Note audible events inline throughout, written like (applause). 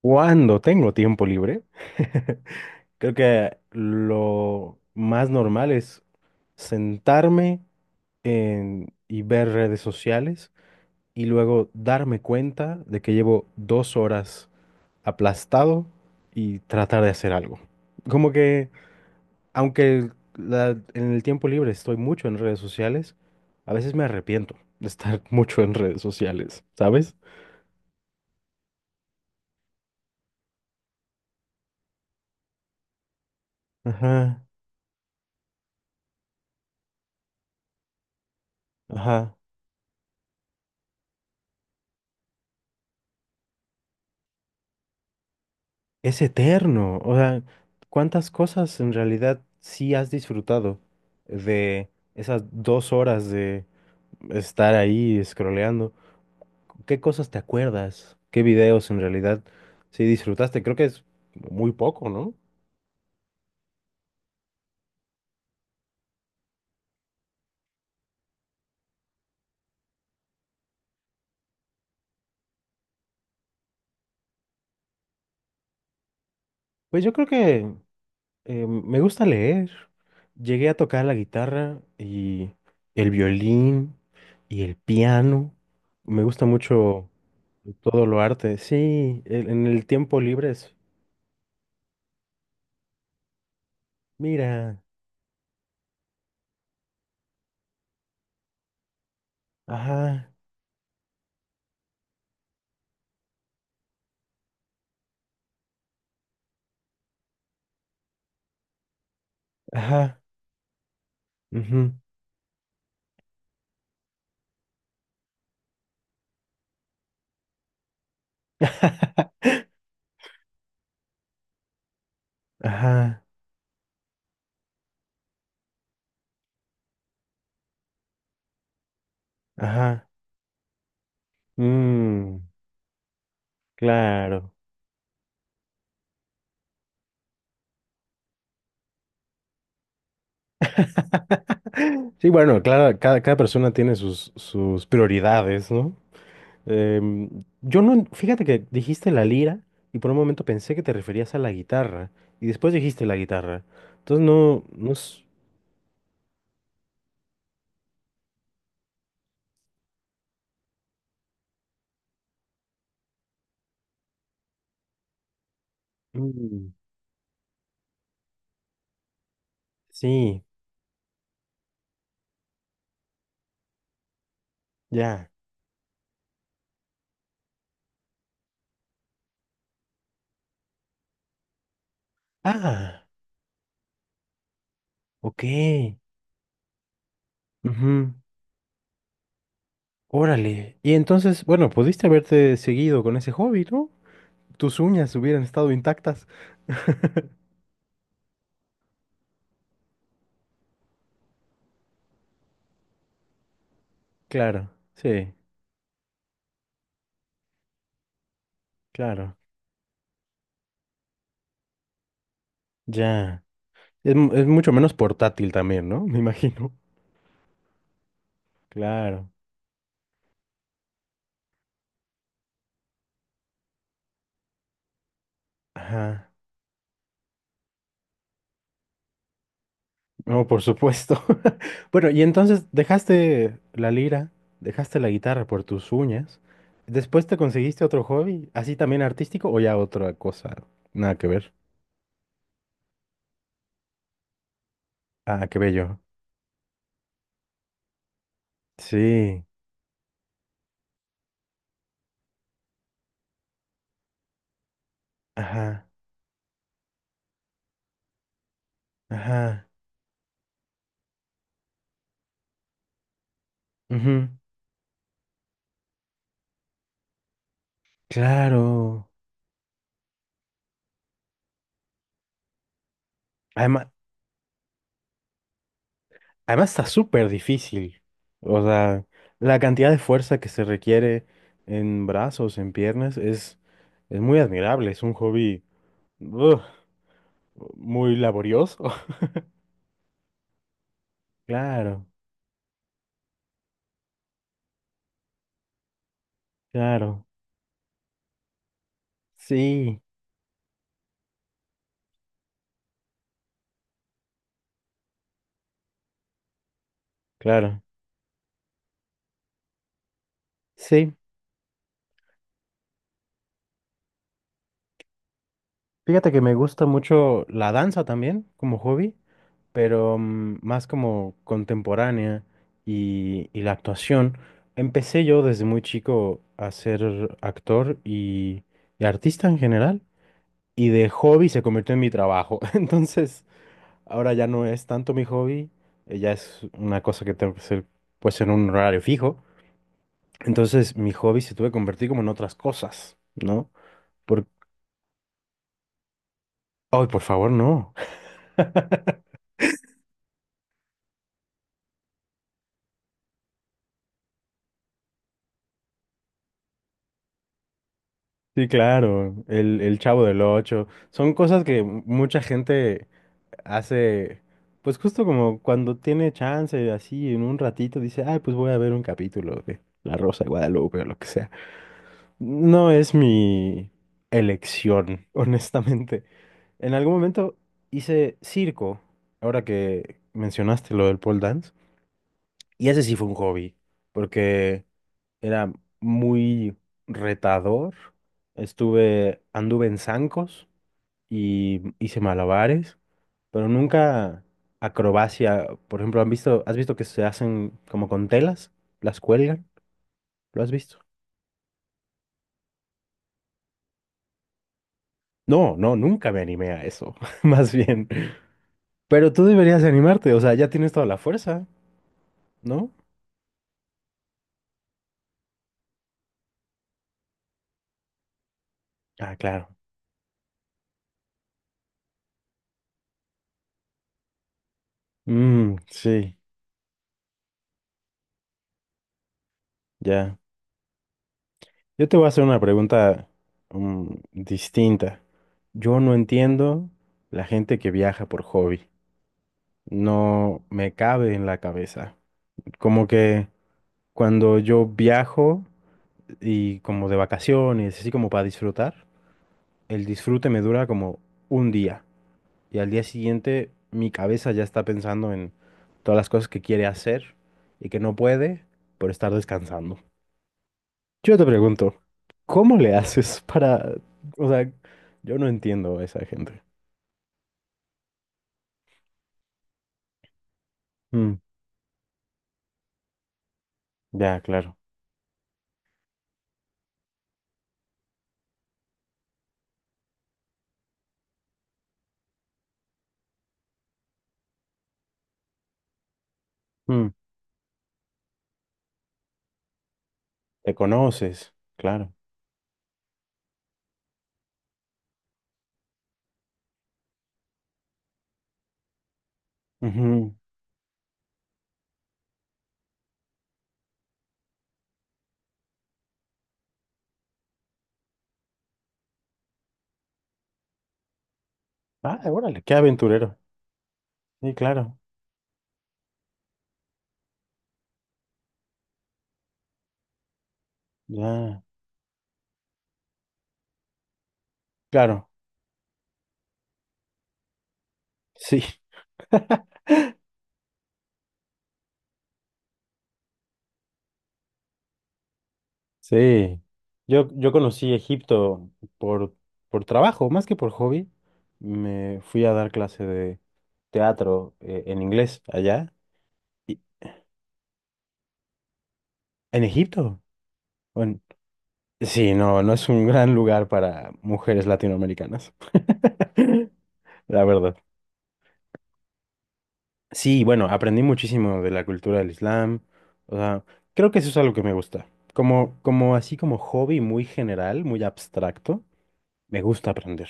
Cuando tengo tiempo libre, (laughs) creo que lo más normal es sentarme y ver redes sociales y luego darme cuenta de que llevo 2 horas aplastado y tratar de hacer algo. Como que, en el tiempo libre estoy mucho en redes sociales, a veces me arrepiento de estar (laughs) mucho en redes sociales, ¿sabes? Ajá, ajá. Es eterno. O sea, ¿cuántas cosas en realidad sí has disfrutado de esas 2 horas de estar ahí scrolleando? ¿Qué cosas te acuerdas? ¿Qué videos en realidad sí disfrutaste? Creo que es muy poco, ¿no? Pues yo creo que me gusta leer. Llegué a tocar la guitarra y el violín y el piano. Me gusta mucho todo lo arte. Sí, en el tiempo libre es... Mira. Ajá, ajá, ujú. (laughs) Ajá, ajá. Mm, claro. (laughs) Sí, bueno, claro, cada persona tiene sus, sus prioridades, ¿no? Yo no, fíjate que dijiste la lira y por un momento pensé que te referías a la guitarra y después dijiste la guitarra. Entonces no, no es... Mm, sí, ya. Ah, ok. Ujú, órale. Y entonces, bueno, pudiste haberte seguido con ese hobby, ¿no? Tus uñas hubieran estado intactas. (laughs) Claro, sí, claro. Ya. Es mucho menos portátil también, ¿no? (laughs) Me imagino. Claro. Ajá. No, por supuesto. (laughs) Bueno, y entonces dejaste la lira, dejaste la guitarra por tus uñas. ¿Después te conseguiste otro hobby, así también artístico o ya otra cosa? Nada que ver. Ah, qué bello. Sí. Ajá. Ajá. Ujú, claro. Además, además está súper difícil. O sea, la cantidad de fuerza que se requiere en brazos, en piernas, es muy admirable. Es un hobby ugh, muy laborioso. (laughs) Claro, claro. Sí, claro. Sí. Fíjate que me gusta mucho la danza también como hobby, pero más como contemporánea y la actuación. Empecé yo desde muy chico a ser actor y artista en general. Y de hobby se convirtió en mi trabajo. (laughs) Entonces, ahora ya no es tanto mi hobby, ya es una cosa que tengo que hacer pues en un horario fijo. Entonces, mi hobby se tuve que convertir como en otras cosas, ¿no? Por... Ay, por favor, no. (laughs) Sí, claro, el Chavo del Ocho. Son cosas que mucha gente hace, pues justo como cuando tiene chance, así en un ratito, dice, ay, pues voy a ver un capítulo de La Rosa de Guadalupe o lo que sea. No es mi elección, (laughs) honestamente. En algún momento hice circo, ahora que mencionaste lo del pole dance, y ese sí fue un hobby, porque era muy retador. Anduve en zancos y hice malabares, pero nunca acrobacia. Por ejemplo, ¿has visto que se hacen como con telas? ¿Las cuelgan? ¿Lo has visto? No, no, nunca me animé a eso, (laughs) más bien. Pero tú deberías animarte, o sea, ya tienes toda la fuerza, ¿no? Ah, claro. Mm, sí, ya. Yo te voy a hacer una pregunta mm, distinta. Yo no entiendo la gente que viaja por hobby. No me cabe en la cabeza. Como que cuando yo viajo y como de vacaciones, así como para disfrutar, el disfrute me dura como un día. Y al día siguiente mi cabeza ya está pensando en todas las cosas que quiere hacer y que no puede por estar descansando. Yo te pregunto, ¿cómo le haces para... O sea, yo no entiendo a esa gente. Mm, ya, claro. Mm, te conoces, claro. Ujú. Ah, órale, qué aventurero. Sí, claro. Ya, claro. Sí. (laughs) Sí, yo conocí Egipto por, por trabajo, más que por hobby. Me fui a dar clase de teatro en inglés allá, y- en Egipto. Bueno, sí, no, no es un gran lugar para mujeres latinoamericanas, (laughs) la verdad. Sí, bueno, aprendí muchísimo de la cultura del Islam. O sea, creo que eso es algo que me gusta. Como, como así como hobby muy general, muy abstracto, me gusta aprender.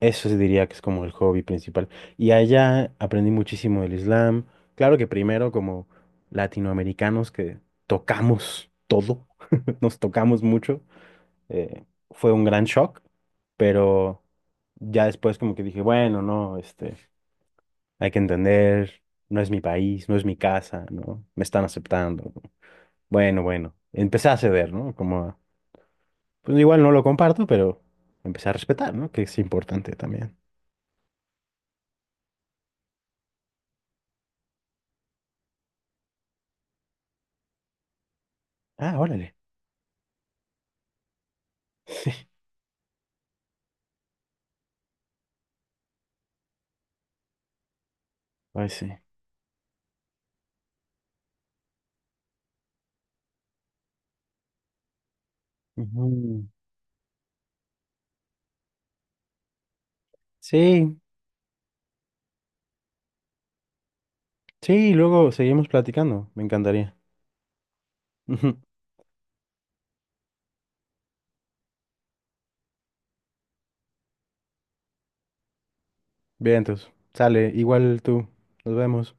Eso sí diría que es como el hobby principal. Y allá aprendí muchísimo del Islam. Claro que primero como latinoamericanos que tocamos todo, (laughs) nos tocamos mucho, eh, fue un gran shock, pero ya después como que dije, bueno, no, este, hay que entender, no es mi país, no es mi casa, ¿no? Me están aceptando. ¿No? Bueno, bueno, empecé a ceder, ¿no? Como, pues igual no lo comparto, pero empecé a respetar, ¿no? Que es importante también. Ah, órale. (laughs) Ay sí. Ujú. Sí, sí, luego seguimos platicando. Me encantaría. (laughs) Ujú. Bien, entonces, sale, igual tú. Nos vemos.